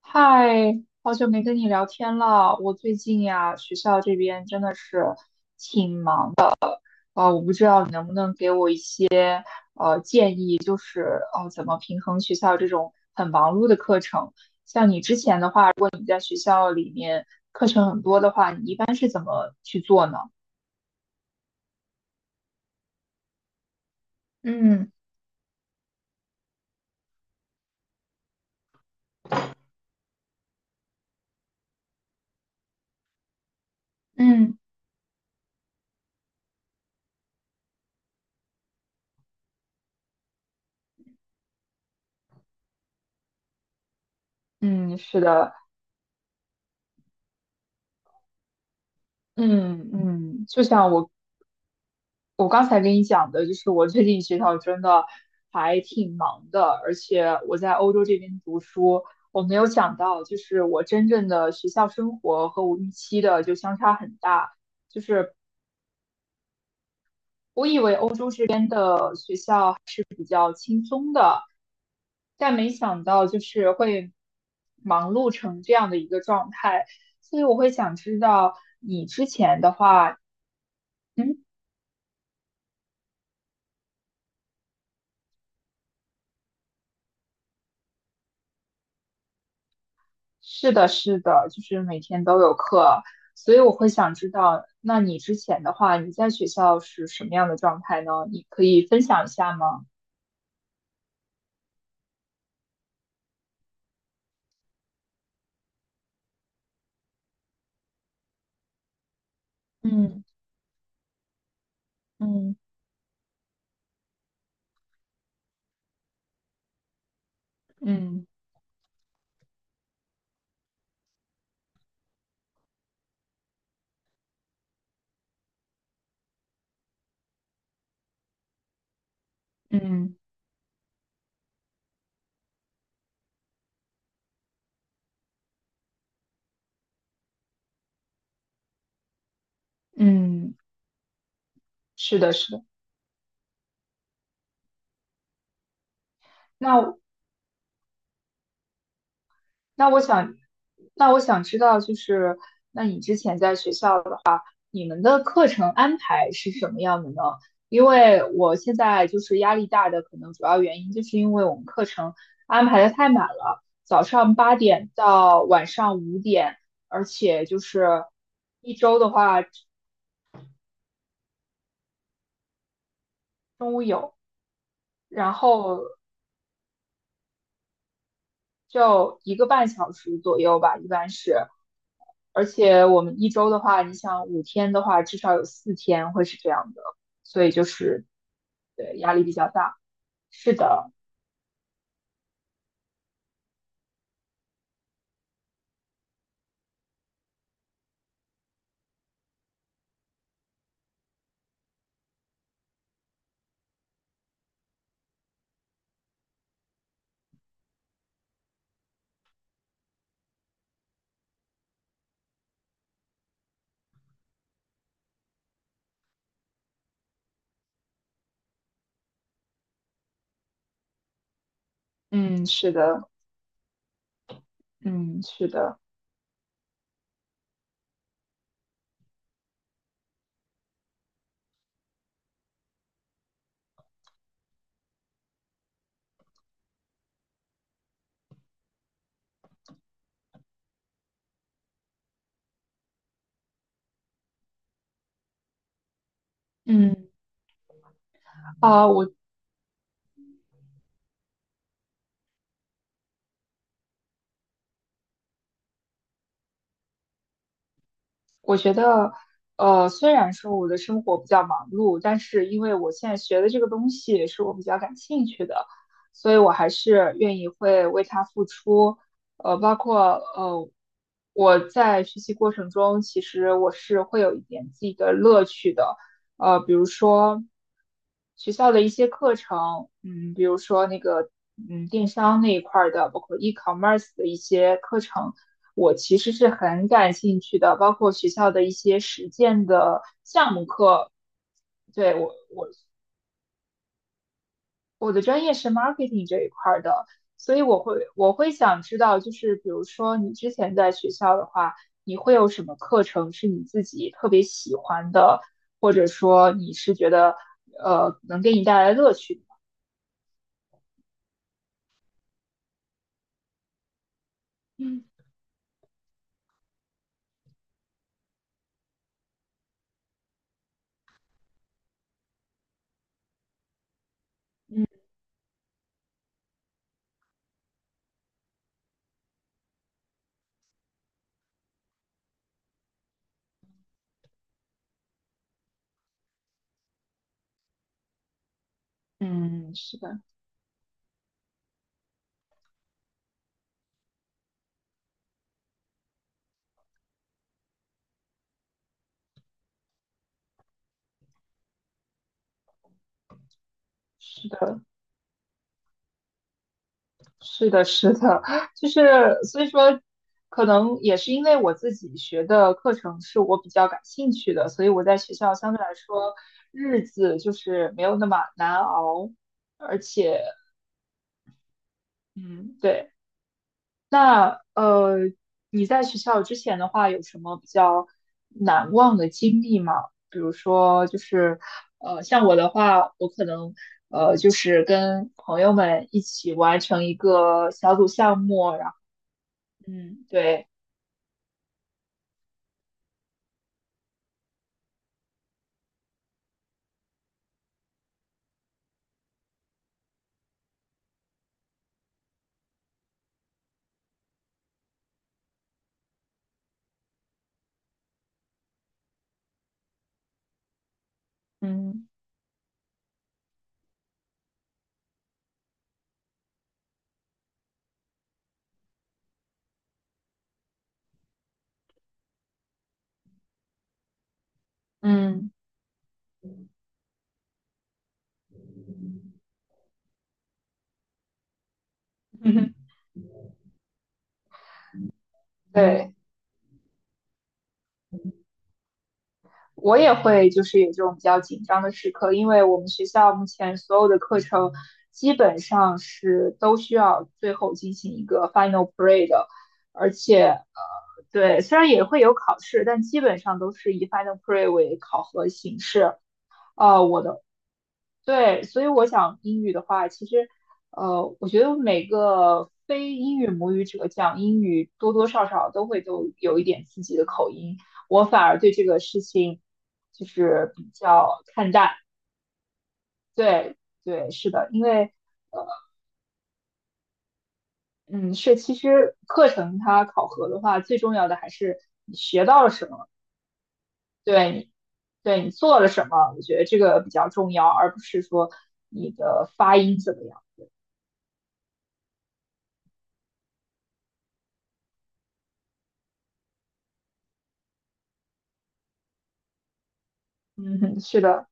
嗨，好久没跟你聊天了。我最近呀，学校这边真的是，我不知道你能不能给我一些，就是哦，怎么平衡学校这种很忙碌的课程。像你之前的话，如果你在学校里面课程很多的话，你一般是怎么去做呢？嗯嗯嗯，是的，嗯嗯，就像我。我刚才跟你讲的，就是我最近学校真的还挺忙的，而且我在欧洲这边读书，我没有想到，就是我真正的学校生活和我预期的就相差很大。我以为欧洲这边的学校，但没想到就是会忙碌成这样的一个状态，所以我会想知道你之前的话。嗯。是的，是的，就是每天都有课，所以我会想知道，那你之前的话，你在学校是什么样的状态呢？你可以分享一下吗？嗯嗯嗯嗯嗯，是的，是的。那那我想，那我想知道，就是那你之前在学校的话，你们的课程安排是什么样的呢？因为我现在就是压力大的，可能主要原因就是因为我们课程安排的太满了，早上8点到晚上5点，而且就是一周的话，中午有，然后就1个半小时左右吧，一般是。而且我们一周的话，你想5天的话，至少有4天会是这样的，所以就是对压力比较大。是的，嗯，是的，嗯，是的，嗯啊，我觉得，虽然说我的生活比较忙碌，但是因为我现在学的这个东西是我比较感兴趣的，所以我还是愿意会为它付出。包括呃，我在学习过程中，其实我是会有一点自己的乐趣的。比如说学校的一些课程，比如说那个电商那一块儿的，包括 e-commerce 的一些课程，我其实是很感兴趣的，包括学校的一些实践的项目课，对，我的专业是 marketing 这一块儿的，所以我会想知道，就是比如说你之前在学校的话，你会有什么课程是你自己特别喜欢的，或者说你是觉得能给你带来乐趣的？嗯嗯嗯，是的，是的。是的，是的，就是所以说，可能也是因为我自己学的课程是我比较感兴趣的，所以我在学校相对来说日子就是没有那么难熬，而且，嗯，对。那你在学校之前的话，有什么比较难忘的经历吗？比如说，就是像我的话，我可能就是跟朋友们一起完成一个小组项目。嗯，对，嗯嗯，对，我也会就是有这种比较紧张的时刻，因为我们学校目前所有的课程基本上是都需要最后进行一个 final p r a y 的，而且对，虽然也会有考试，但基本上都是以 final p r a y 为考核形式。呃，我的对，所以我想英语的话，其实，我觉得每个非英语母语者讲英语，多多少少都会都有一点自己的口音。我反而对这个事情就是比较看淡。对，对，是的，因为，嗯，是其实课程它考核的话，最重要的还是你学到了什么，对你，对你做了什么，我觉得这个比较重要，而不是说你的发音怎么样。嗯哼，是的，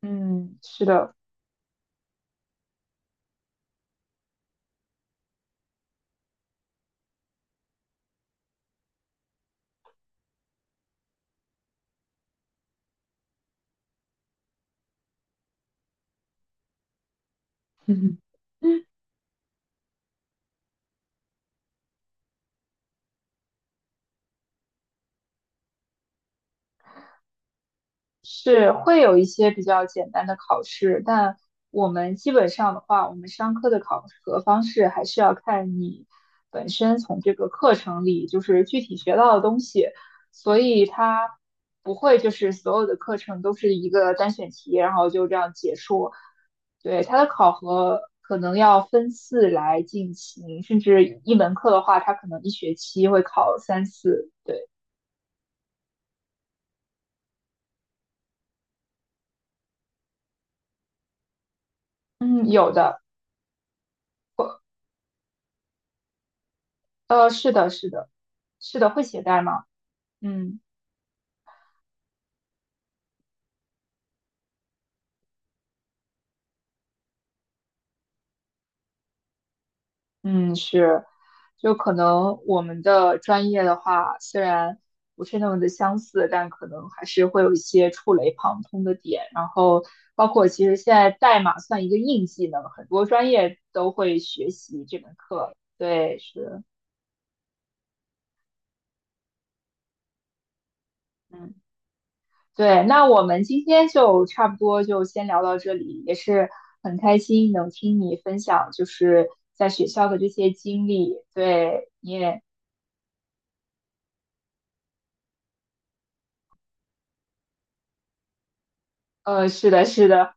嗯，是的。嗯， 是会有一些比较简单的考试，但我们基本上的话，我们商科的考核方式还是要看你本身从这个课程里就是具体学到的东西，所以它不会就是所有的课程都是一个单选题，然后就这样结束。对，它的考核可能要分次来进行，甚至一门课的话，它可能一学期会考3次。对，嗯，有的，是的，是的。是的，会携带吗？嗯嗯，是，就可能我们的专业的话，虽然不是那么的相似，但可能还是会有一些触类旁通的点。然后，包括其实现在代码算一个硬技能，很多专业都会学习这门课。对，是，嗯，对。那我们今天就差不多就先聊到这里，也是很开心能听你分享，就是在学校的这些经历。对，你也。是的，是的。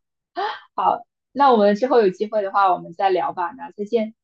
好，那我们之后有机会的话，我们再聊吧。那再见。